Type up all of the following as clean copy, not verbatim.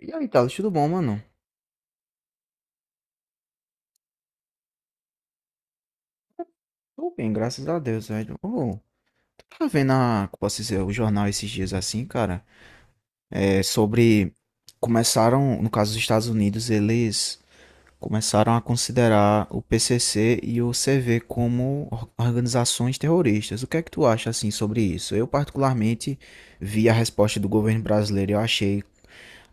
E aí, Thales, tudo bom, mano? Tô bem, graças a Deus, velho. Ô, tu tá vendo como posso dizer, o jornal esses dias assim, cara? É sobre. Começaram, no caso dos Estados Unidos, eles começaram a considerar o PCC e o CV como organizações terroristas. O que é que tu acha, assim, sobre isso? Eu, particularmente, vi a resposta do governo brasileiro e eu achei.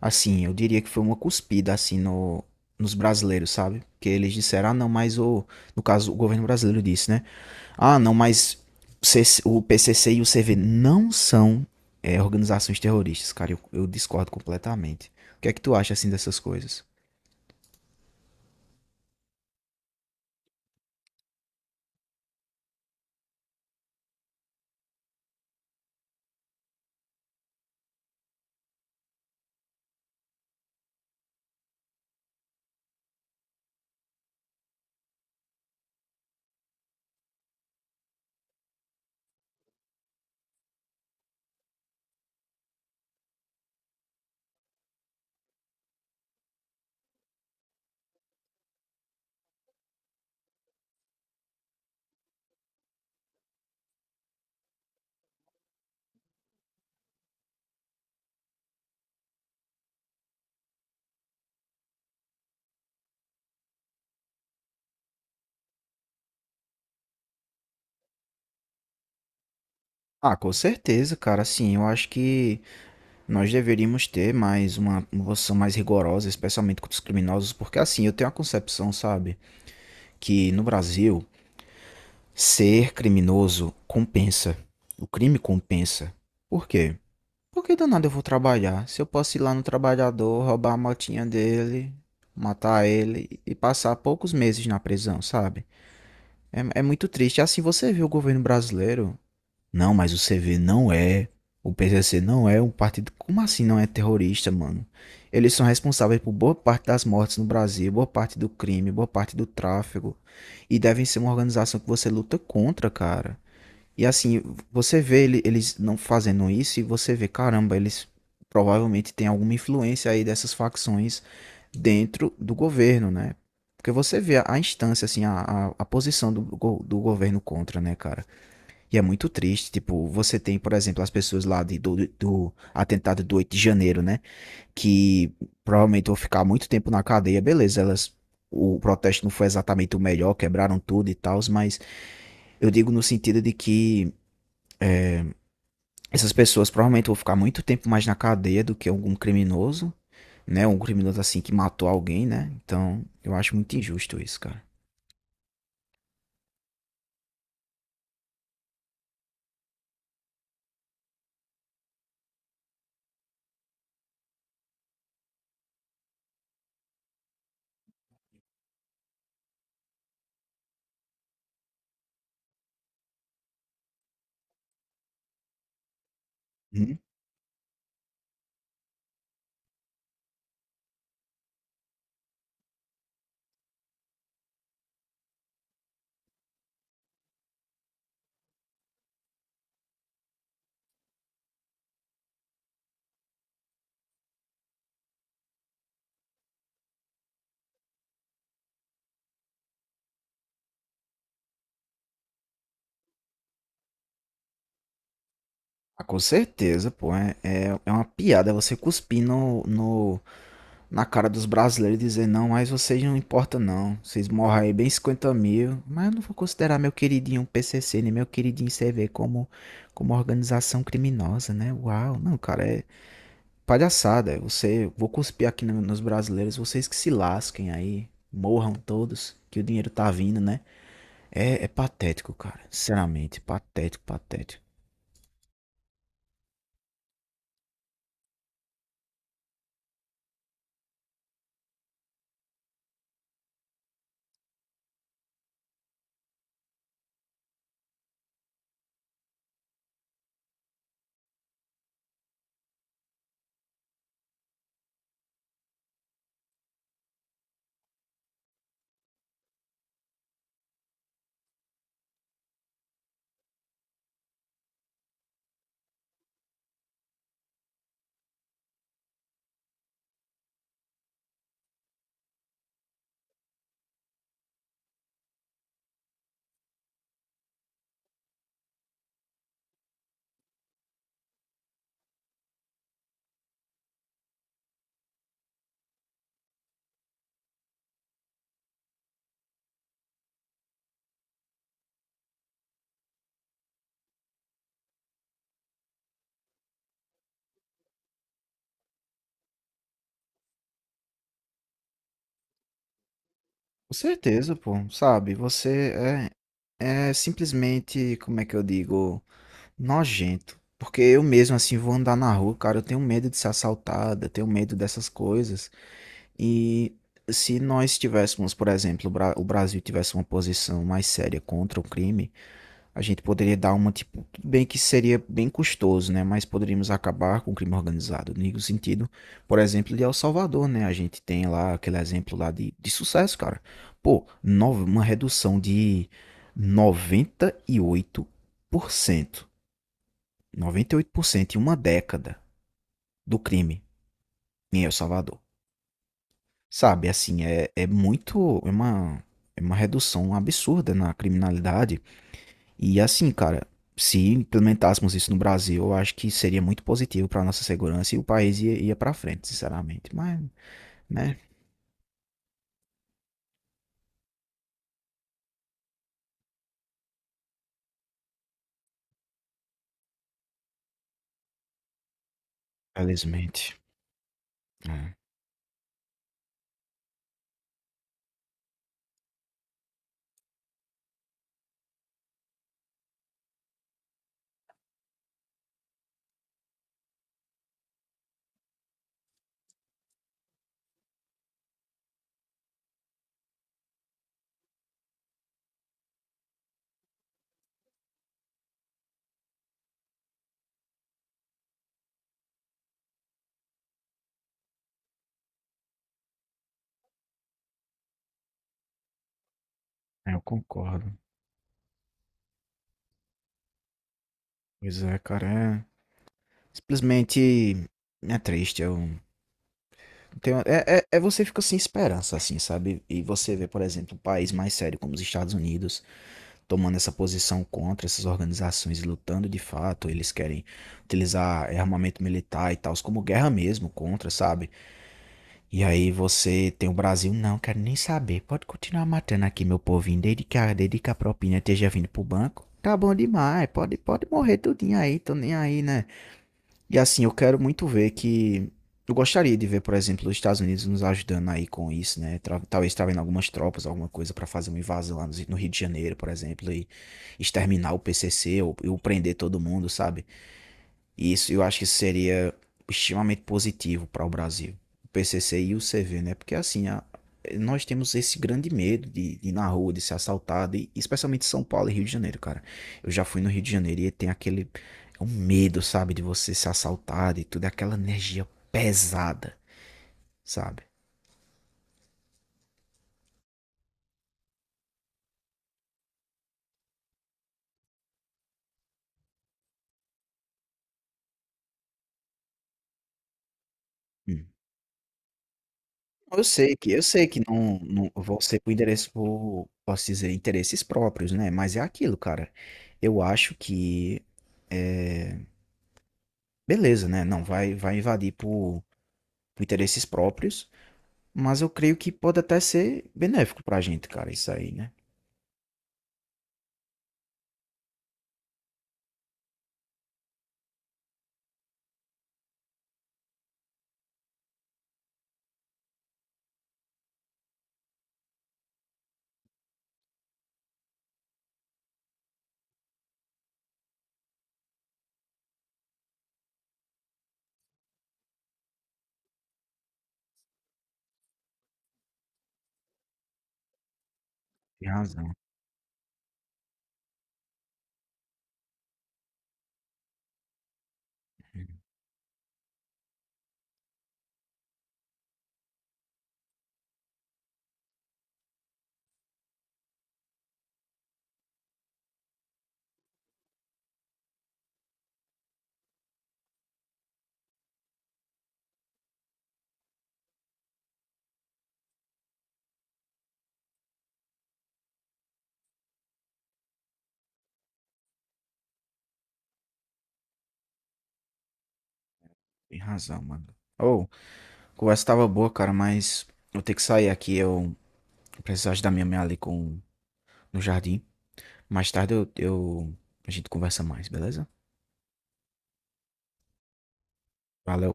Assim, eu diria que foi uma cuspida, assim, no, nos brasileiros, sabe? Porque eles disseram, ah, não, mas o. No caso, o governo brasileiro disse, né? Ah, não, mas o CC o PCC e o CV não são, organizações terroristas, cara. Eu discordo completamente. O que é que tu acha, assim, dessas coisas? Ah, com certeza, cara. Assim, eu acho que nós deveríamos ter mais uma posição mais rigorosa, especialmente contra os criminosos, porque assim, eu tenho a concepção, sabe, que no Brasil ser criminoso compensa. O crime compensa. Por quê? Por que danado eu vou trabalhar se eu posso ir lá no trabalhador, roubar a motinha dele, matar ele e passar poucos meses na prisão, sabe? É muito triste. Assim você vê o governo brasileiro. Não, mas o CV não é. O PCC não é um partido. Como assim não é terrorista, mano? Eles são responsáveis por boa parte das mortes no Brasil, boa parte do crime, boa parte do tráfico. E devem ser uma organização que você luta contra, cara. E assim, você vê eles não fazendo isso e você vê, caramba, eles provavelmente têm alguma influência aí dessas facções dentro do governo, né? Porque você vê a instância, assim, a posição do governo contra, né, cara? E é muito triste, tipo, você tem, por exemplo, as pessoas lá do atentado do 8 de janeiro, né? Que provavelmente vão ficar muito tempo na cadeia, beleza, elas... O protesto não foi exatamente o melhor, quebraram tudo e tal, mas eu digo no sentido de que essas pessoas provavelmente vão ficar muito tempo mais na cadeia do que algum criminoso, né? Um criminoso assim que matou alguém, né? Então, eu acho muito injusto isso, cara. Hum. Ah, com certeza, pô. É uma piada você cuspir no, no, na cara dos brasileiros e dizer, não, mas vocês não importam não. Vocês morram aí bem 50 mil. Mas eu não vou considerar meu queridinho PCC, nem meu queridinho CV como, como organização criminosa, né? Uau. Não, cara, palhaçada, você, vou cuspir aqui nos brasileiros, vocês que se lasquem aí, morram todos, que o dinheiro tá vindo, né? É patético, cara, sinceramente, patético, patético. Com certeza, pô, sabe, você é simplesmente, como é que eu digo, nojento. Porque eu mesmo, assim, vou andar na rua, cara, eu tenho medo de ser assaltado, eu tenho medo dessas coisas. E se nós tivéssemos, por exemplo, o o Brasil tivesse uma posição mais séria contra o crime, a gente poderia dar uma, tipo, tudo bem que seria bem custoso, né? Mas poderíamos acabar com o crime organizado, no sentido, por exemplo, de El Salvador, né? A gente tem lá aquele exemplo lá de sucesso, cara. Pô, nove, uma redução de noventa noventa e e oito oito por cento noventa e oito por cento em uma década do crime em El Salvador. Sabe, assim, é muito, é uma redução absurda na criminalidade. E assim, cara, se implementássemos isso no Brasil, eu acho que seria muito positivo para nossa segurança e o país ia para frente, sinceramente. Mas, né, felizmente. É, eu concordo. Pois é, cara, é simplesmente é triste. Eu tenho, é você fica sem esperança, assim, sabe? E você vê, por exemplo, um país mais sério como os Estados Unidos tomando essa posição contra essas organizações e lutando de fato. Eles querem utilizar armamento militar e tal, como guerra mesmo contra, sabe? E aí você tem o Brasil? Não, quero nem saber. Pode continuar matando aqui, meu povinho, desde que desde que a propina esteja vindo pro banco. Tá bom demais, pode morrer tudinho aí, tô nem aí, né? E assim, eu quero muito ver que... Eu gostaria de ver, por exemplo, os Estados Unidos nos ajudando aí com isso, né? Talvez trazendo algumas tropas, alguma coisa pra fazer uma invasão lá no Rio de Janeiro, por exemplo, e exterminar o PCC ou prender todo mundo, sabe? E isso eu acho que seria extremamente positivo para o Brasil. O PCC e o CV, né? Porque assim, nós temos esse grande medo de ir na rua, de ser assaltado, e, especialmente São Paulo e Rio de Janeiro, cara. Eu já fui no Rio de Janeiro e tem aquele é um medo, sabe, de você ser assaltado e tudo, é aquela energia pesada, sabe? Hum. Eu sei que não, não vão ser por endereço, por, posso dizer, interesses próprios, né? Mas é aquilo, cara. Eu acho que beleza, né? Não vai, vai invadir por interesses próprios, mas eu creio que pode até ser benéfico pra gente, cara, isso aí, né? Tem razão. Tem razão, mano. Ô, a conversa tava boa, cara, mas eu tenho que sair aqui. Eu preciso ajudar minha mãe ali com, no jardim. Mais tarde a gente conversa mais, beleza? Valeu.